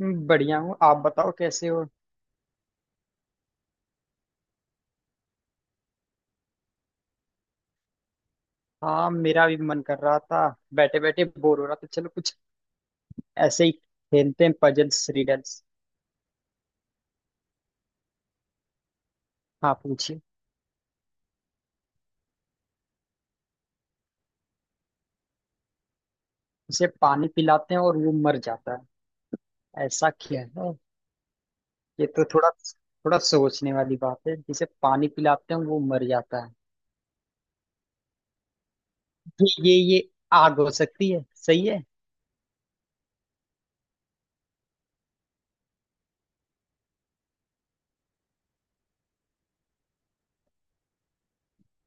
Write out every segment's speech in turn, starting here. बढ़िया हूँ। आप बताओ कैसे हो। हाँ मेरा भी मन कर रहा था। बैठे बैठे बोर हो रहा था, चलो कुछ ऐसे ही खेलते हैं, पजल्स रिडल्स। हाँ पूछिए। उसे पानी पिलाते हैं और वो मर जाता है, ऐसा क्या है? ये तो थोड़ा थोड़ा सोचने वाली बात है, जिसे पानी पिलाते हैं वो मर जाता है। ये आग हो सकती है, सही है।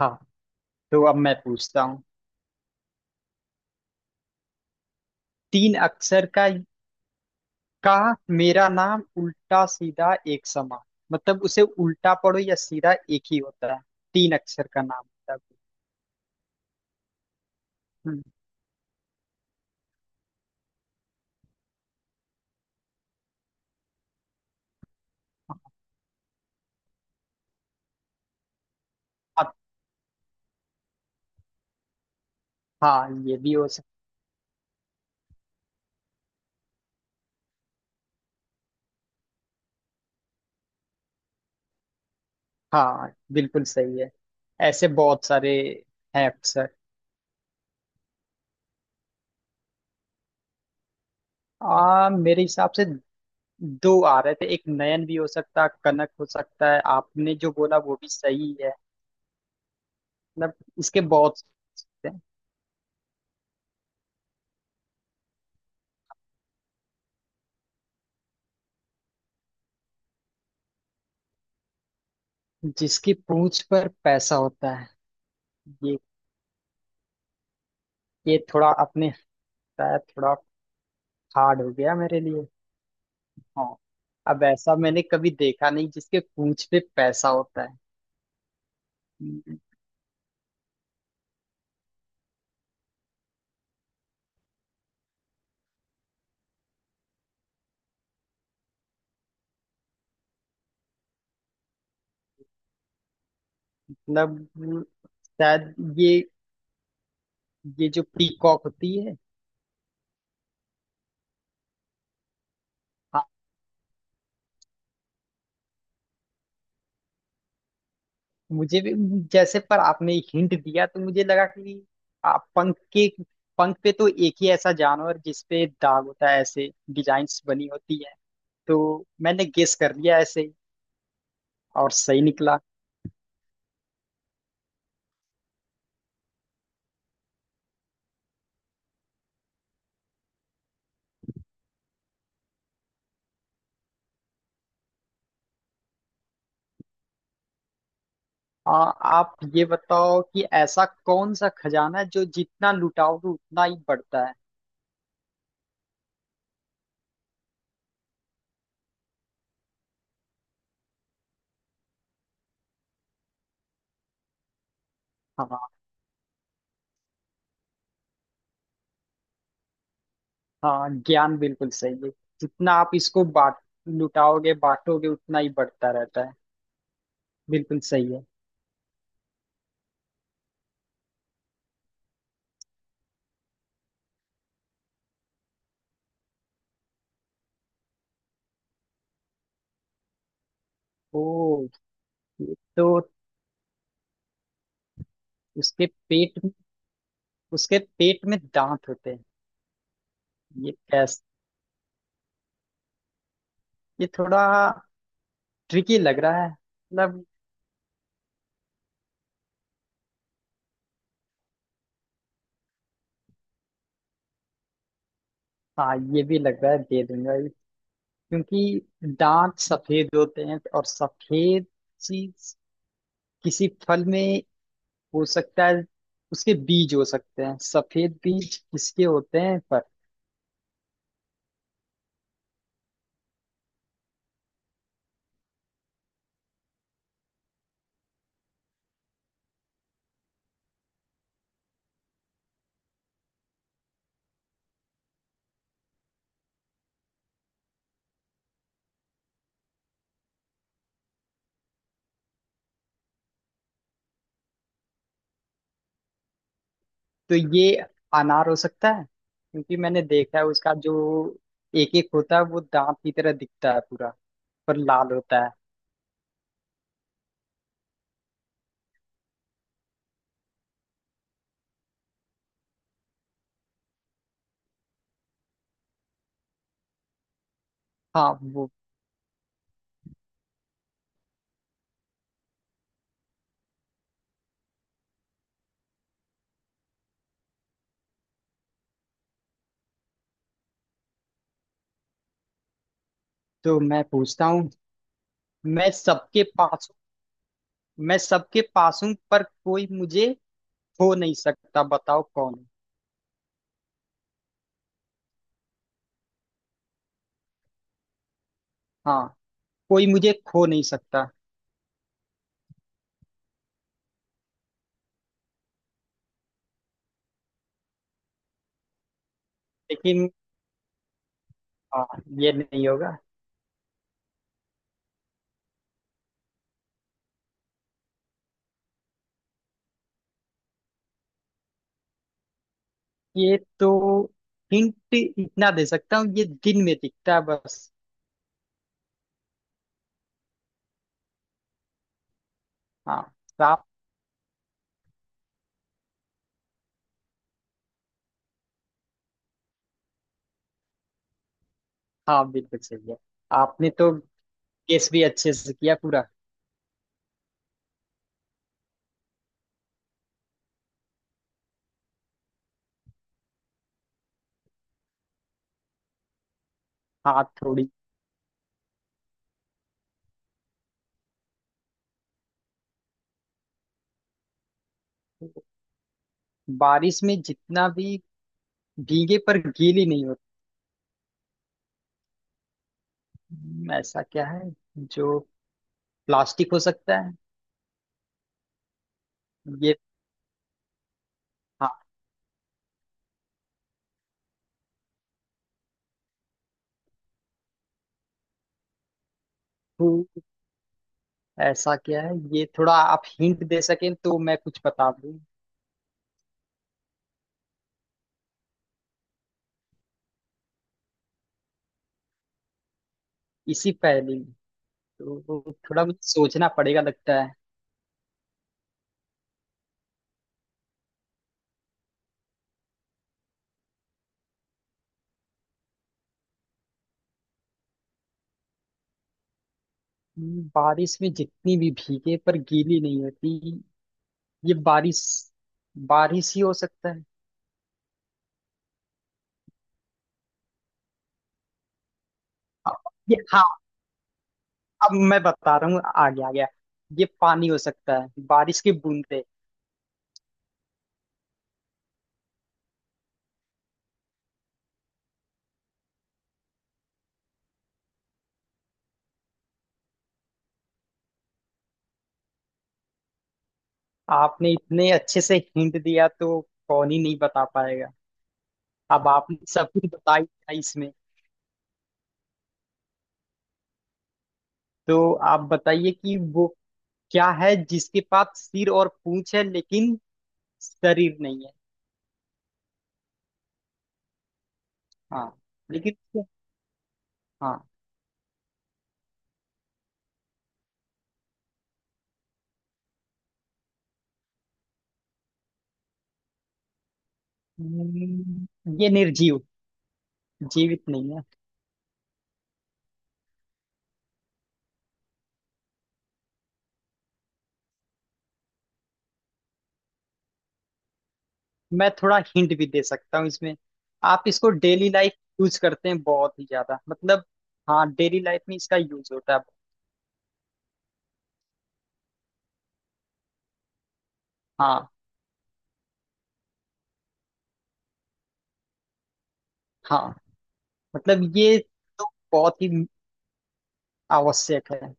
हाँ तो अब मैं पूछता हूँ। तीन अक्षर का मेरा नाम, उल्टा सीधा एक समान। मतलब उसे उल्टा पढ़ो या सीधा एक ही होता है। तीन अक्षर का नाम होता है। हम्म, हाँ, हाँ ये भी हो सकता। हाँ बिल्कुल सही है। ऐसे बहुत सारे हैं अक्षर। आ मेरे हिसाब से दो आ रहे थे, एक नयन भी हो सकता, कनक हो सकता है, आपने जो बोला वो भी सही है। मतलब इसके बहुत से हैं। जिसकी पूंछ पर पैसा होता है। ये ये थोड़ा अपने होता है, थोड़ा हार्ड हो गया मेरे लिए। हाँ अब ऐसा मैंने कभी देखा नहीं जिसके पूंछ पे पैसा होता है। मतलब शायद ये जो पीकॉक होती है। हाँ, मुझे भी जैसे पर आपने हिंट दिया तो मुझे लगा कि आप पंख के पंख पे तो एक ही ऐसा जानवर जिसपे दाग होता है, ऐसे डिजाइन्स बनी होती है, तो मैंने गेस कर लिया ऐसे ही, और सही निकला। आप ये बताओ कि ऐसा कौन सा खजाना है जो जितना लुटाओगे उतना ही बढ़ता है। हाँ, हाँ ज्ञान बिल्कुल सही है। जितना आप इसको बांट लुटाओगे बांटोगे उतना ही बढ़ता रहता है, बिल्कुल सही है। ओ ये तो, उसके पेट में उसके पेट में दांत होते हैं, ये कैसे? ये थोड़ा ट्रिकी लग रहा है, मतलब हाँ ये भी लग रहा है दे दूंगा ये, क्योंकि दांत सफेद होते हैं और सफेद चीज किसी फल में हो सकता है, उसके बीज हो सकते हैं, सफेद बीज किसके होते हैं पर। तो ये अनार हो सकता है क्योंकि मैंने देखा है उसका जो एक एक होता है वो दांत की तरह दिखता है पूरा, पर लाल होता है। हाँ वो। तो मैं पूछता हूँ, मैं सबके पास हूँ, मैं सबके पास हूँ पर कोई मुझे खो नहीं सकता, बताओ कौन हूँ? हाँ कोई मुझे खो नहीं सकता। लेकिन हाँ ये नहीं होगा। ये तो, हिंट इतना दे सकता हूँ, ये दिन में दिखता है बस। हाँ आप। हाँ बिल्कुल सही है। आपने तो केस भी अच्छे से किया पूरा। हाथ थोड़ी। बारिश में जितना भी भीगे पर गीली नहीं होती। ऐसा क्या है जो, प्लास्टिक हो सकता है। ये हाँ। तो ऐसा क्या है, ये थोड़ा आप हिंट दे सकें तो मैं कुछ बता दूं। इसी पहेली में? तो थोड़ा मुझे सोचना पड़ेगा लगता है। बारिश में जितनी भी भीगे पर गीली नहीं होती। ये बारिश बारिश ही हो सकता है। हाँ, ये हाँ, अब मैं बता रहा हूँ, आ गया, ये पानी हो सकता है, बारिश की बूंदे। आपने इतने अच्छे से हिंट दिया तो कौन ही नहीं बता पाएगा। अब आपने सब कुछ बता ही दिया इसमें। तो आप बताइए कि वो क्या है जिसके पास सिर और पूंछ है लेकिन शरीर नहीं है। हाँ लेकिन। हाँ। हम्म, ये निर्जीव, जीवित नहीं है। मैं थोड़ा हिंट भी दे सकता हूँ इसमें। आप इसको डेली लाइफ यूज करते हैं बहुत ही ज्यादा, मतलब हाँ डेली लाइफ में इसका यूज होता है। हाँ हाँ। मतलब ये तो बहुत ही आवश्यक है।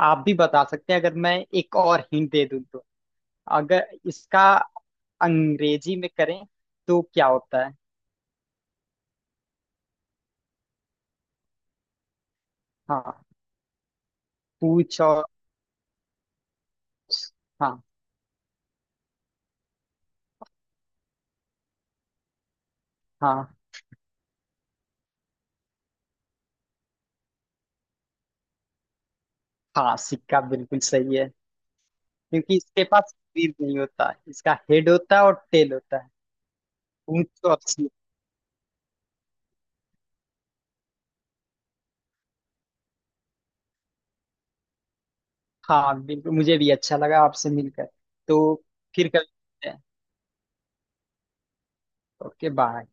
आप भी बता सकते हैं, अगर मैं एक और हिंट दे दूँ तो, अगर इसका अंग्रेजी में करें तो क्या होता है। हाँ पूछ और। हाँ। हाँ। हाँ सिक्का बिल्कुल सही है, क्योंकि इसके पास सिर नहीं होता, इसका हेड होता है और टेल होता है, पूंछ और सिर। हाँ बिल्कुल, मुझे भी अच्छा लगा आपसे मिलकर। तो फिर कभी मिलते हैं। Okay bye.